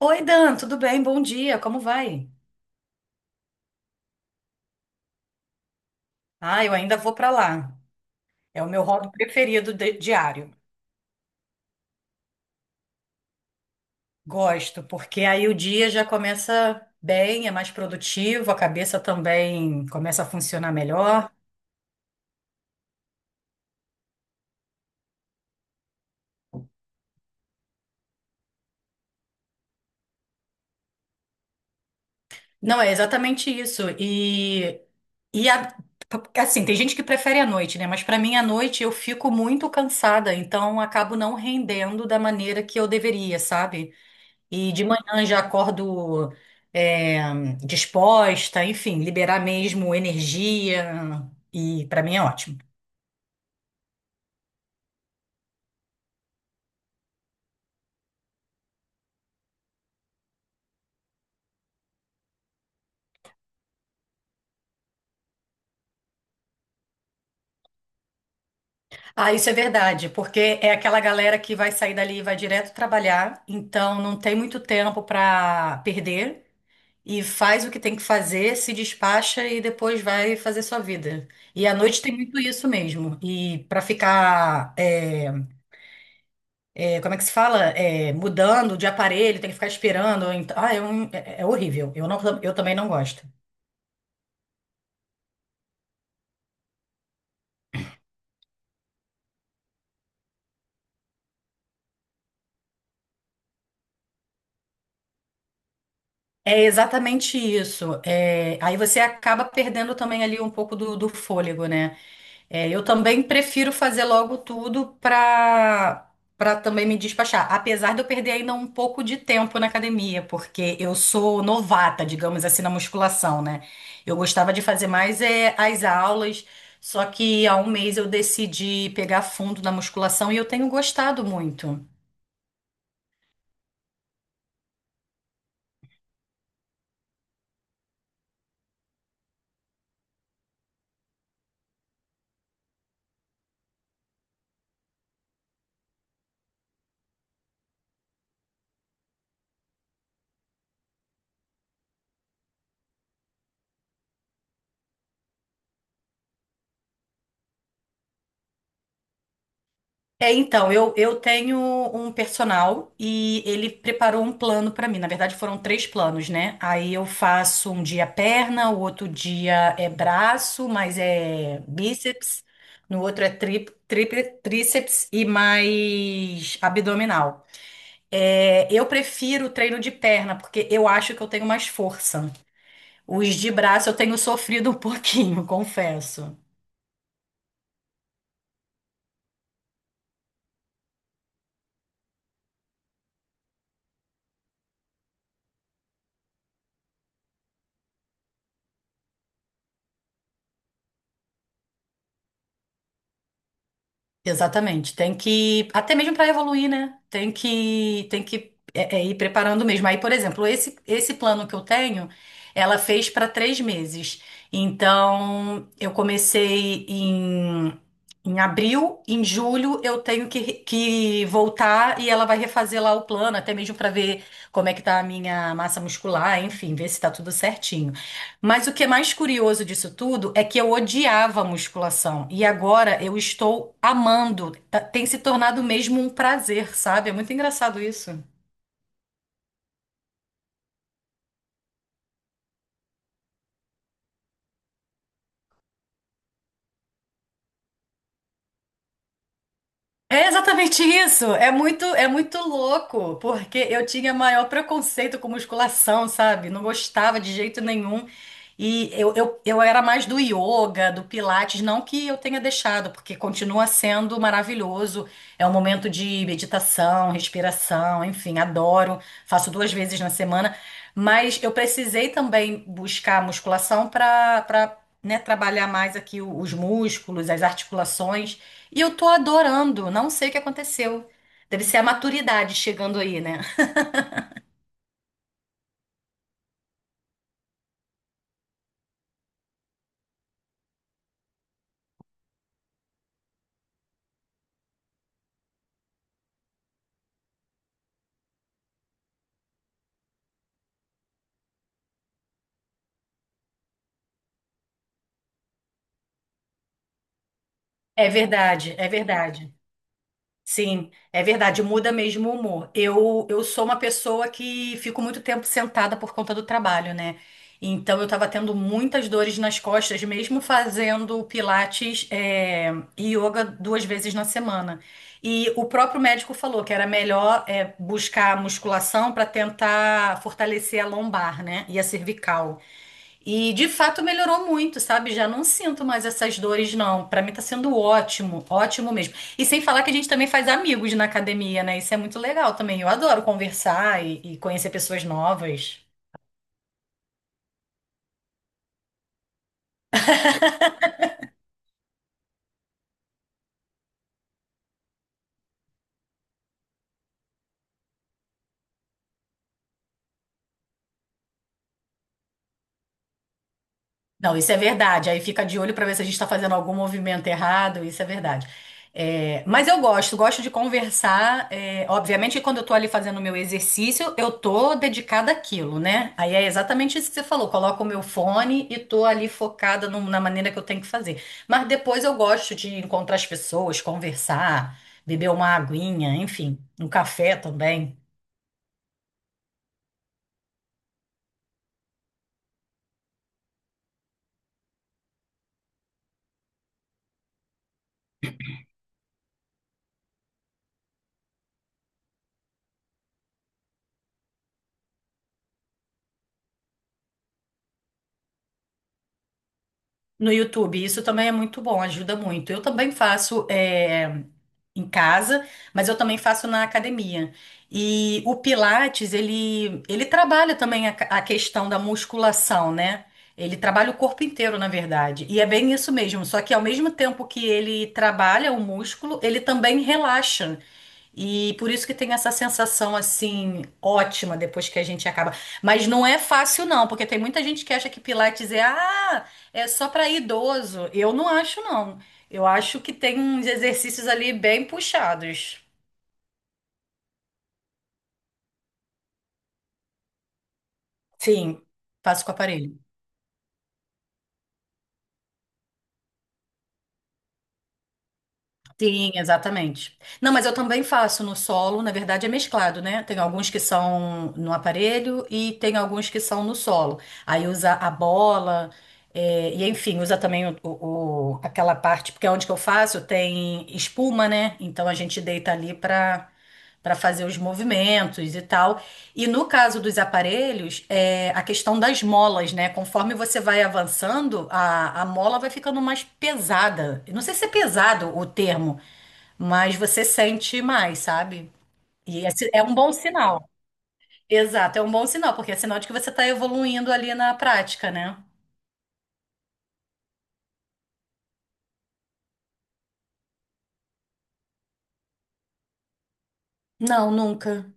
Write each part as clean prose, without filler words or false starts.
Oi, Dan, tudo bem? Bom dia, como vai? Ah, eu ainda vou para lá. É o meu hobby preferido diário. Gosto, porque aí o dia já começa bem, é mais produtivo, a cabeça também começa a funcionar melhor. Não, é exatamente isso. E a- assim, tem gente que prefere a noite, né? Mas para mim, a noite eu fico muito cansada, então acabo não rendendo da maneira que eu deveria, sabe? E de manhã já acordo é, disposta, enfim, liberar mesmo energia. E para mim é ótimo. Ah, isso é verdade, porque é aquela galera que vai sair dali e vai direto trabalhar, então não tem muito tempo para perder e faz o que tem que fazer, se despacha e depois vai fazer sua vida. E à noite tem muito isso mesmo. E para ficar como é que se fala? Mudando de aparelho, tem que ficar esperando. Então, é horrível. Eu também não gosto. É exatamente isso. É, aí você acaba perdendo também ali um pouco do fôlego, né? É, eu também prefiro fazer logo tudo para também me despachar. Apesar de eu perder ainda um pouco de tempo na academia, porque eu sou novata, digamos assim, na musculação, né? Eu gostava de fazer mais as aulas, só que há um mês eu decidi pegar fundo na musculação e eu tenho gostado muito. É, então, eu tenho um personal e ele preparou um plano pra mim. Na verdade, foram três planos, né? Aí eu faço um dia perna, o outro dia é braço, mas é bíceps, no outro é tríceps e mais abdominal. É, eu prefiro o treino de perna, porque eu acho que eu tenho mais força. Os de braço eu tenho sofrido um pouquinho, confesso. Exatamente. Até mesmo para evoluir, né? Tem que é, é, ir preparando mesmo. Aí, por exemplo, esse plano que eu tenho, ela fez para 3 meses. Então, eu comecei em abril, em julho eu tenho que voltar e ela vai refazer lá o plano, até mesmo para ver como é que tá a minha massa muscular, enfim, ver se tá tudo certinho. Mas o que é mais curioso disso tudo é que eu odiava a musculação e agora eu estou amando. Tem se tornado mesmo um prazer, sabe? É muito engraçado isso. É exatamente isso. É muito louco, porque eu tinha maior preconceito com musculação, sabe? Não gostava de jeito nenhum. E eu era mais do yoga, do pilates, não que eu tenha deixado, porque continua sendo maravilhoso. É um momento de meditação, respiração, enfim, adoro. Faço duas vezes na semana, mas eu precisei também buscar musculação né, trabalhar mais aqui os músculos, as articulações. E eu tô adorando, não sei o que aconteceu. Deve ser a maturidade chegando aí, né? É verdade, é verdade. Sim, é verdade, muda mesmo o humor. Eu sou uma pessoa que fico muito tempo sentada por conta do trabalho, né? Então eu tava tendo muitas dores nas costas, mesmo fazendo pilates, e yoga duas vezes na semana. E o próprio médico falou que era melhor, buscar musculação para tentar fortalecer a lombar, né? E a cervical. E de fato melhorou muito, sabe? Já não sinto mais essas dores, não. Pra mim tá sendo ótimo, ótimo mesmo. E sem falar que a gente também faz amigos na academia, né? Isso é muito legal também. Eu adoro conversar e conhecer pessoas novas. Não, isso é verdade. Aí fica de olho para ver se a gente está fazendo algum movimento errado. Isso é verdade. É, mas eu gosto, gosto de conversar. É, obviamente, que quando eu estou ali fazendo o meu exercício, eu tô dedicada àquilo, né? Aí é exatamente isso que você falou. Coloco o meu fone e tô ali focada na maneira que eu tenho que fazer. Mas depois eu gosto de encontrar as pessoas, conversar, beber uma aguinha, enfim, um café também. No YouTube, isso também é muito bom, ajuda muito. Eu também faço em casa, mas eu também faço na academia. E o Pilates, ele trabalha também a questão da musculação, né? Ele trabalha o corpo inteiro, na verdade. E é bem isso mesmo, só que ao mesmo tempo que ele trabalha o músculo, ele também relaxa. E por isso que tem essa sensação assim ótima depois que a gente acaba. Mas não é fácil não, porque tem muita gente que acha que Pilates é só para idoso, eu não acho não. Eu acho que tem uns exercícios ali bem puxados. Sim, faço com aparelho. Sim, exatamente. Não, mas eu também faço no solo, na verdade é mesclado, né? Tem alguns que são no aparelho e tem alguns que são no solo. Aí usa a bola, e enfim, usa também aquela parte, porque onde que eu faço tem espuma, né? Então a gente deita ali para fazer os movimentos e tal. E no caso dos aparelhos, é a questão das molas, né? Conforme você vai avançando, a mola vai ficando mais pesada. Eu não sei se é pesado o termo, mas você sente mais, sabe? E esse é um bom sinal. Exato, é um bom sinal, porque é sinal de que você está evoluindo ali na prática, né? Não, nunca.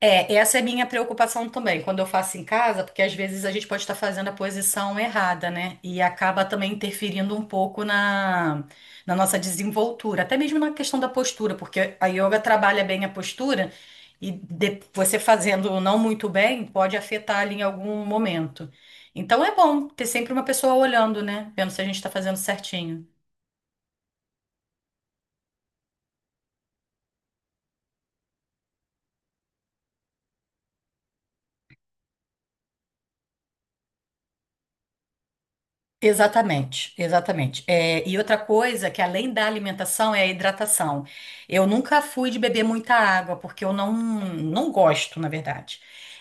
É, essa é minha preocupação também, quando eu faço em casa, porque às vezes a gente pode estar fazendo a posição errada, né? E acaba também interferindo um pouco na nossa desenvoltura, até mesmo na questão da postura, porque a yoga trabalha bem a postura você fazendo não muito bem pode afetar ali em algum momento. Então é bom ter sempre uma pessoa olhando, né? Vendo se a gente está fazendo certinho. Exatamente, exatamente. É, e outra coisa que além da alimentação é a hidratação. Eu nunca fui de beber muita água, porque eu não, não gosto, na verdade.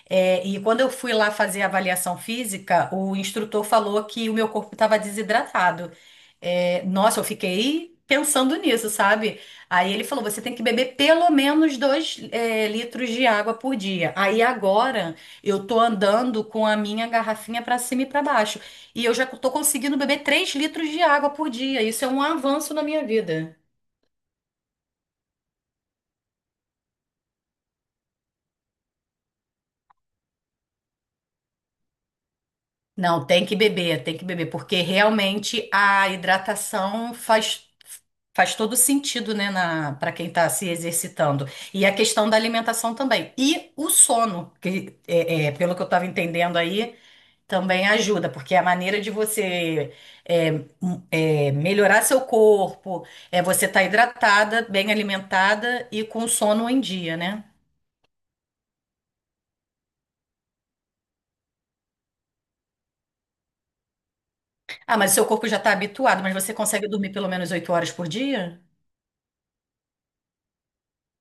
É, e quando eu fui lá fazer a avaliação física, o instrutor falou que o meu corpo estava desidratado. É, nossa, eu fiquei pensando nisso, sabe? Aí ele falou: você tem que beber pelo menos dois, litros de água por dia. Aí agora eu tô andando com a minha garrafinha para cima e para baixo. E eu já tô conseguindo beber 3 litros de água por dia. Isso é um avanço na minha vida. Não, tem que beber, porque realmente a hidratação faz, faz todo sentido, né, na, para quem está se exercitando. E a questão da alimentação também. E o sono, que pelo que eu estava entendendo aí, também ajuda, porque a maneira de você é, m- melhorar seu corpo é você estar hidratada, bem alimentada e com sono em dia, né? Ah, mas seu corpo já está habituado, mas você consegue dormir pelo menos 8 horas por dia?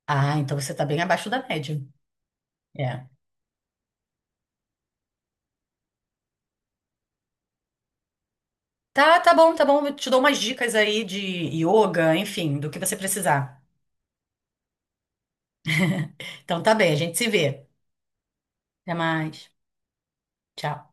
Ah, então você está bem abaixo da média. É. Tá bom, tá bom. Eu te dou umas dicas aí de yoga, enfim, do que você precisar. Então tá bem, a gente se vê. Até mais. Tchau.